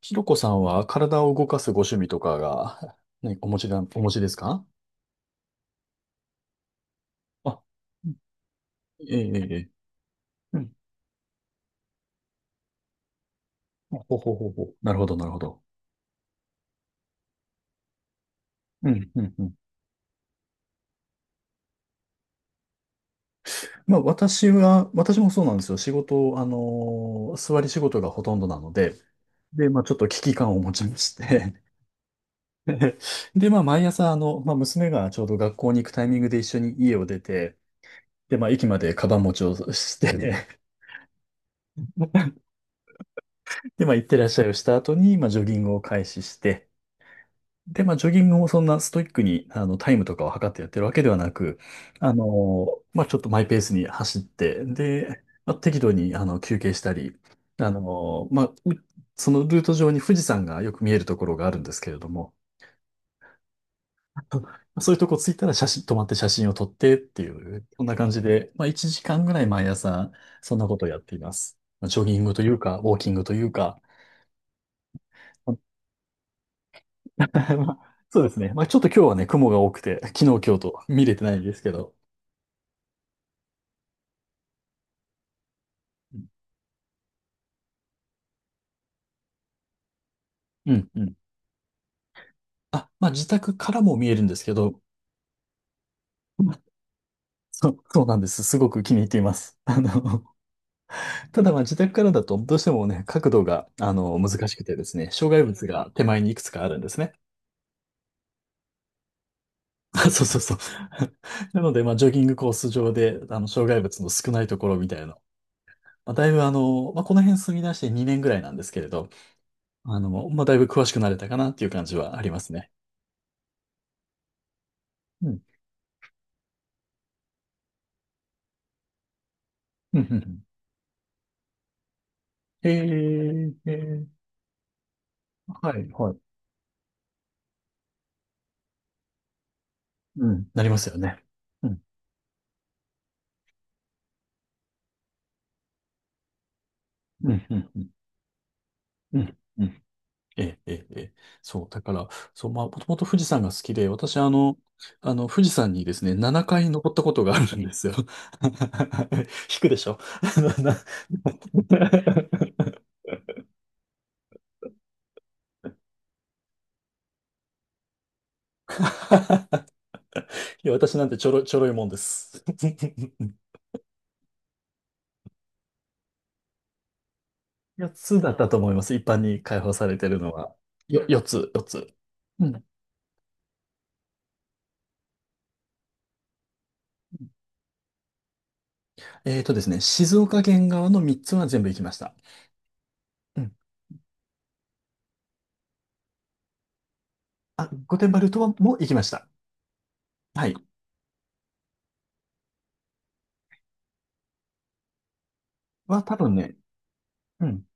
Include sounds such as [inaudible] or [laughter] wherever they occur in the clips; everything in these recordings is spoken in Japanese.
ひろこさんは体を動かすご趣味とかが、[laughs] ね、お持ちですか？あ。うん。ええ、ええ、ええ。うん。ほほほほ。なるほど、なるほど。うん、うん、うん。まあ、私もそうなんですよ。仕事、あのー座り仕事がほとんどなので、で、まあ、ちょっと危機感を持ちまして。 [laughs] で、まあ、毎朝、あの、まあ、娘がちょうど学校に行くタイミングで一緒に家を出て、で、まあ、駅までカバン持ちをして、[laughs] で、まあ、行ってらっしゃいをした後に、まあ、ジョギングを開始して、で、まあ、ジョギングもそんなストイックに、あの、タイムとかを測ってやってるわけではなく、あの、まあ、ちょっとマイペースに走って、で、まあ、適度に、あの、休憩したり、あの、まあ、そのルート上に富士山がよく見えるところがあるんですけれども、[laughs] あ、そういうとこ着いたら止まって写真を撮ってっていう、そんな感じで、まあ、1時間ぐらい毎朝、そんなことをやっています。まあ、ジョギングというか、ウォーキングというか。[laughs] まあ、そうですね。まあ、ちょっと今日はね、雲が多くて、昨日、今日と見れてないんですけど。うん、うん。あ、まあ、自宅からも見えるんですけど。[laughs] そう、そうなんです。すごく気に入っています。[laughs] あの、ただまあ、自宅からだと、どうしてもね、角度が、あの、難しくてですね、障害物が手前にいくつかあるんですね。[laughs] あ、そうそうそう。[laughs] なので、まあ、ジョギングコース上で、あの、障害物の少ないところみたいな。まあ、だいぶあの、まあ、この辺住み出して2年ぐらいなんですけれど、あの、まあ、だいぶ詳しくなれたかなっていう感じはありますね。うん。うん、うん、うん。えー、えー、はい、はい。うん、なりますよね。うん、うん、うん、うん、うん。うん。ええ、ええ、ええ。そう、だから、そう、まあ、もともと富士山が好きで、私、富士山にですね、7回登ったことがあるんですよ。[laughs] 引くでしょ、あのな。 [laughs] いや、私なんてちょろいもんです。[laughs] 4つだったと思います。一般に開放されてるのは。4つ、4つ。うん。ですね、静岡県側の3つは全部行きました。うん。あ、御殿場ルートはもう行きました。はい。多分ね。うん。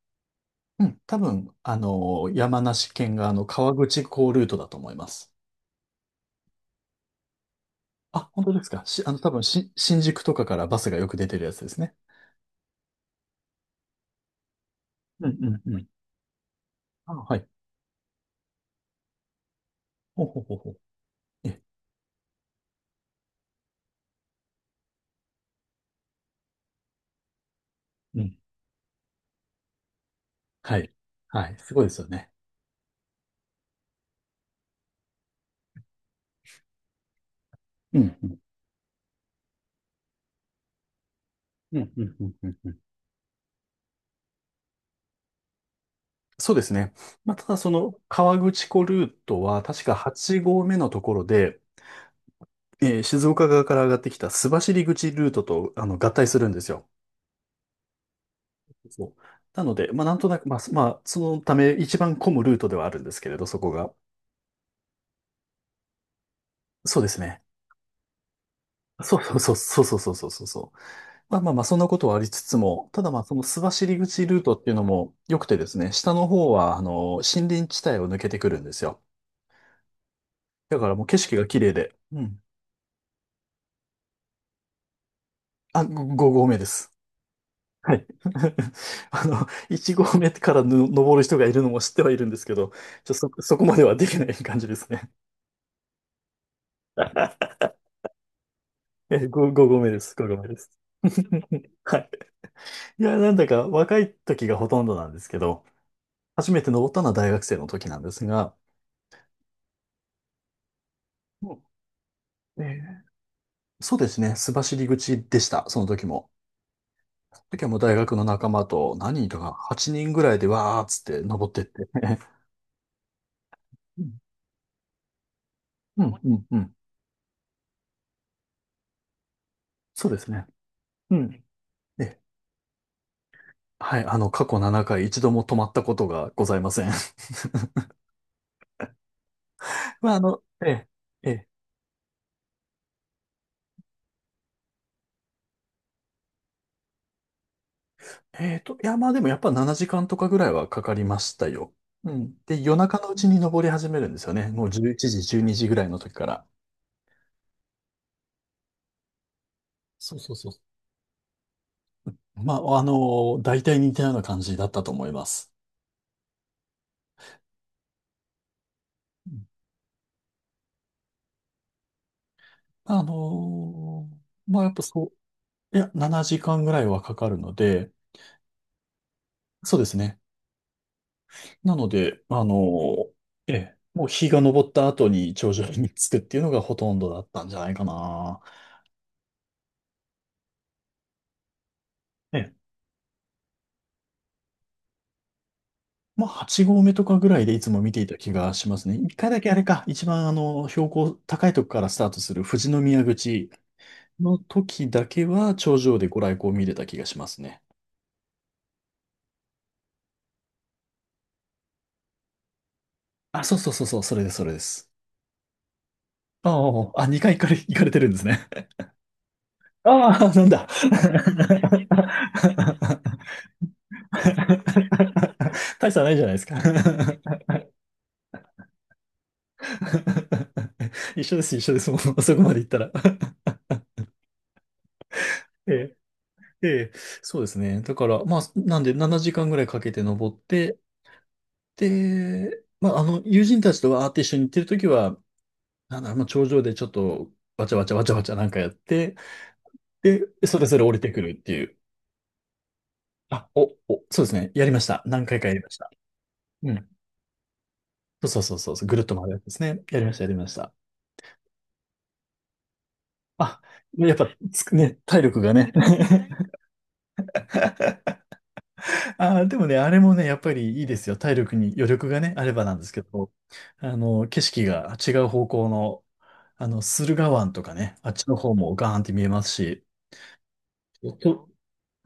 うん。多分、あの、山梨県が、あの、川口港ルートだと思います。あ、本当ですか。あの、多分、新宿とかからバスがよく出てるやつですね。うん、うん、うん。あ、はい。ほうほうほうほう。え、うん。はい。はい。すごいですよね。うん。うん。うん、うん、うん、うん、うん。そうですね。まあ、ただその川口湖ルートは確か8合目のところで、静岡側から上がってきた須走口ルートと、あの、合体するんですよ。そう。なので、まあ、なんとなく、まあ、まあ、そのため一番混むルートではあるんですけれど、そこが。そうですね。そうそうそうそうそうそうそうそう。まあまあまあ、そんなことはありつつも、ただまあ、その須走口ルートっていうのも良くてですね、下の方は、あの、森林地帯を抜けてくるんですよ。だからもう景色が綺麗で。うん。あ、5合目です。はい。[laughs] あの、1合目からの登る人がいるのも知ってはいるんですけど、ちょ、そ、そこまではできない感じですね。え、5合目です。5合目です。[laughs] はい。いや、なんだか若い時がほとんどなんですけど、初めて登ったのは大学生の時なんですが、うん。ーそうですね、須走口でした、その時も。その時はもう大学の仲間と何人とか8人ぐらいでわーっつって登ってって。[laughs] うん、うん、うん、うん。そうですね。うん。え、はい、あの、過去7回一度も止まったことがございません。[laughs] まあ、あの、ええ、ええいや、まあでもやっぱ7時間とかぐらいはかかりましたよ。うん。で、夜中のうちに登り始めるんですよね。もう11時、12時ぐらいの時から。そうそうそう。まあ、あの、大体似たような感じだったと思います。うん。あのーまあやっぱ、そう、いや、7時間ぐらいはかかるので、そうですね。なので、ええ、もう日が昇った後に頂上に着くっていうのがほとんどだったんじゃないかな。ええ。まあ、8合目とかぐらいでいつも見ていた気がしますね。一回だけあれか、一番あの、標高高いとこからスタートする富士宮口の時だけは頂上でご来光見れた気がしますね。あ、そうそうそうそう、それです、それです。ああ、あ、2回行かれてるんですね。ああ、なんだ。[laughs] 大差ないじゃないですか。[laughs] 一緒です、一緒です、もうそこまで行ったら。ええええ、そうですね。だから、まあ、なんで7時間ぐらいかけて登って、で、まあ、あの、友人たちとわーって一緒に行ってるときは、なんだろう、まあ、頂上でちょっと、わちゃわちゃわちゃわちゃなんかやって、で、それぞれ降りてくるっていう。あ、そうですね。やりました。何回かやりました。うん。そうそうそうそう。ぐるっと回るやつですね。やりました、やりました。あ、やっぱ、つくね、体力がね。[laughs] ああ、でもね、あれもね、やっぱりいいですよ。体力に余力がね、あればなんですけど、あの、景色が違う方向の、あの、駿河湾とかね、あっちの方もガーンって見えますし、と、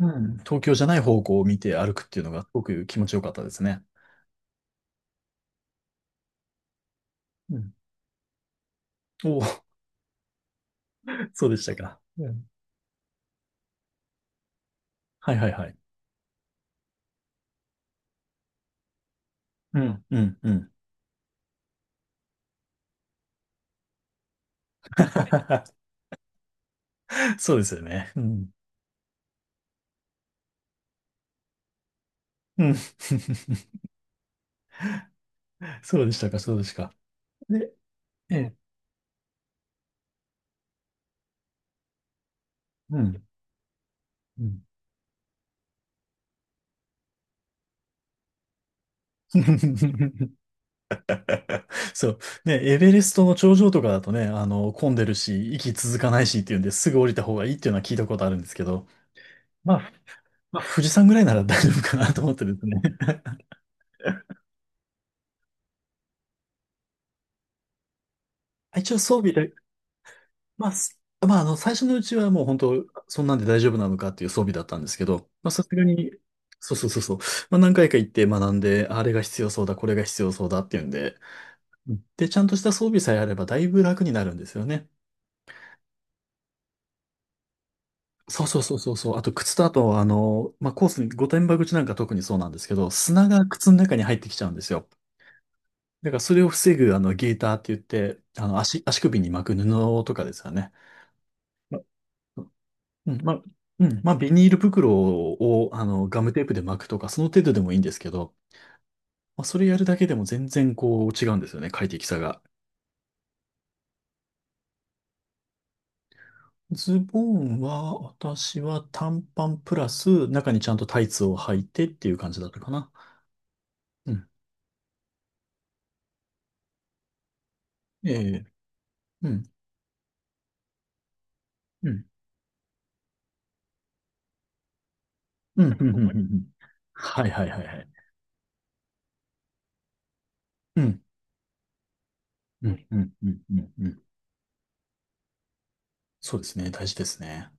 うん、東京じゃない方向を見て歩くっていうのがすごく気持ちよかったですね。うん。おお。[laughs] そうでしたか。うん。はい、はい、はい。うん、うん、うん。[laughs] そうですよね。うん。うん。[laughs] そうでしたか、そうでしたか。で、ええ、うん。うん。 [laughs] そう。ね、エベレストの頂上とかだとね、あの、混んでるし、息続かないしっていうんですぐ降りた方がいいっていうのは聞いたことあるんですけど、まあ、まあ、富士山ぐらいなら大丈夫かなと思ってですね。[laughs] 一応装備で、まあ、まあ、あの、最初のうちはもう本当、そんなんで大丈夫なのかっていう装備だったんですけど、まあ、さすがに、そうそうそうそう、まあ、何回か行って学んで、あれが必要そうだ、これが必要そうだっていうんで、で、ちゃんとした装備さえあればだいぶ楽になるんですよね。そうそうそうそうそう。あと靴とあと、あの、まあ、コースに、御殿場口なんか特にそうなんですけど、砂が靴の中に入ってきちゃうんですよ。だからそれを防ぐ、あの、ゲーターって言って、あの、足首に巻く布とかですよね。ま、うん、まあ、うん、まあ、ビニール袋を、あの、ガムテープで巻くとか、その程度でもいいんですけど、まあ、それやるだけでも全然こう違うんですよね、快適さが。ズボンは、私は短パンプラス、中にちゃんとタイツを履いてっていう感じだったかな。うん。ええ。うん。うん、うん、うん、うん、うん。うん。はい、はい、はい、はい。うん、うん、うん、うん、うん。うん。そうですね。大事ですね。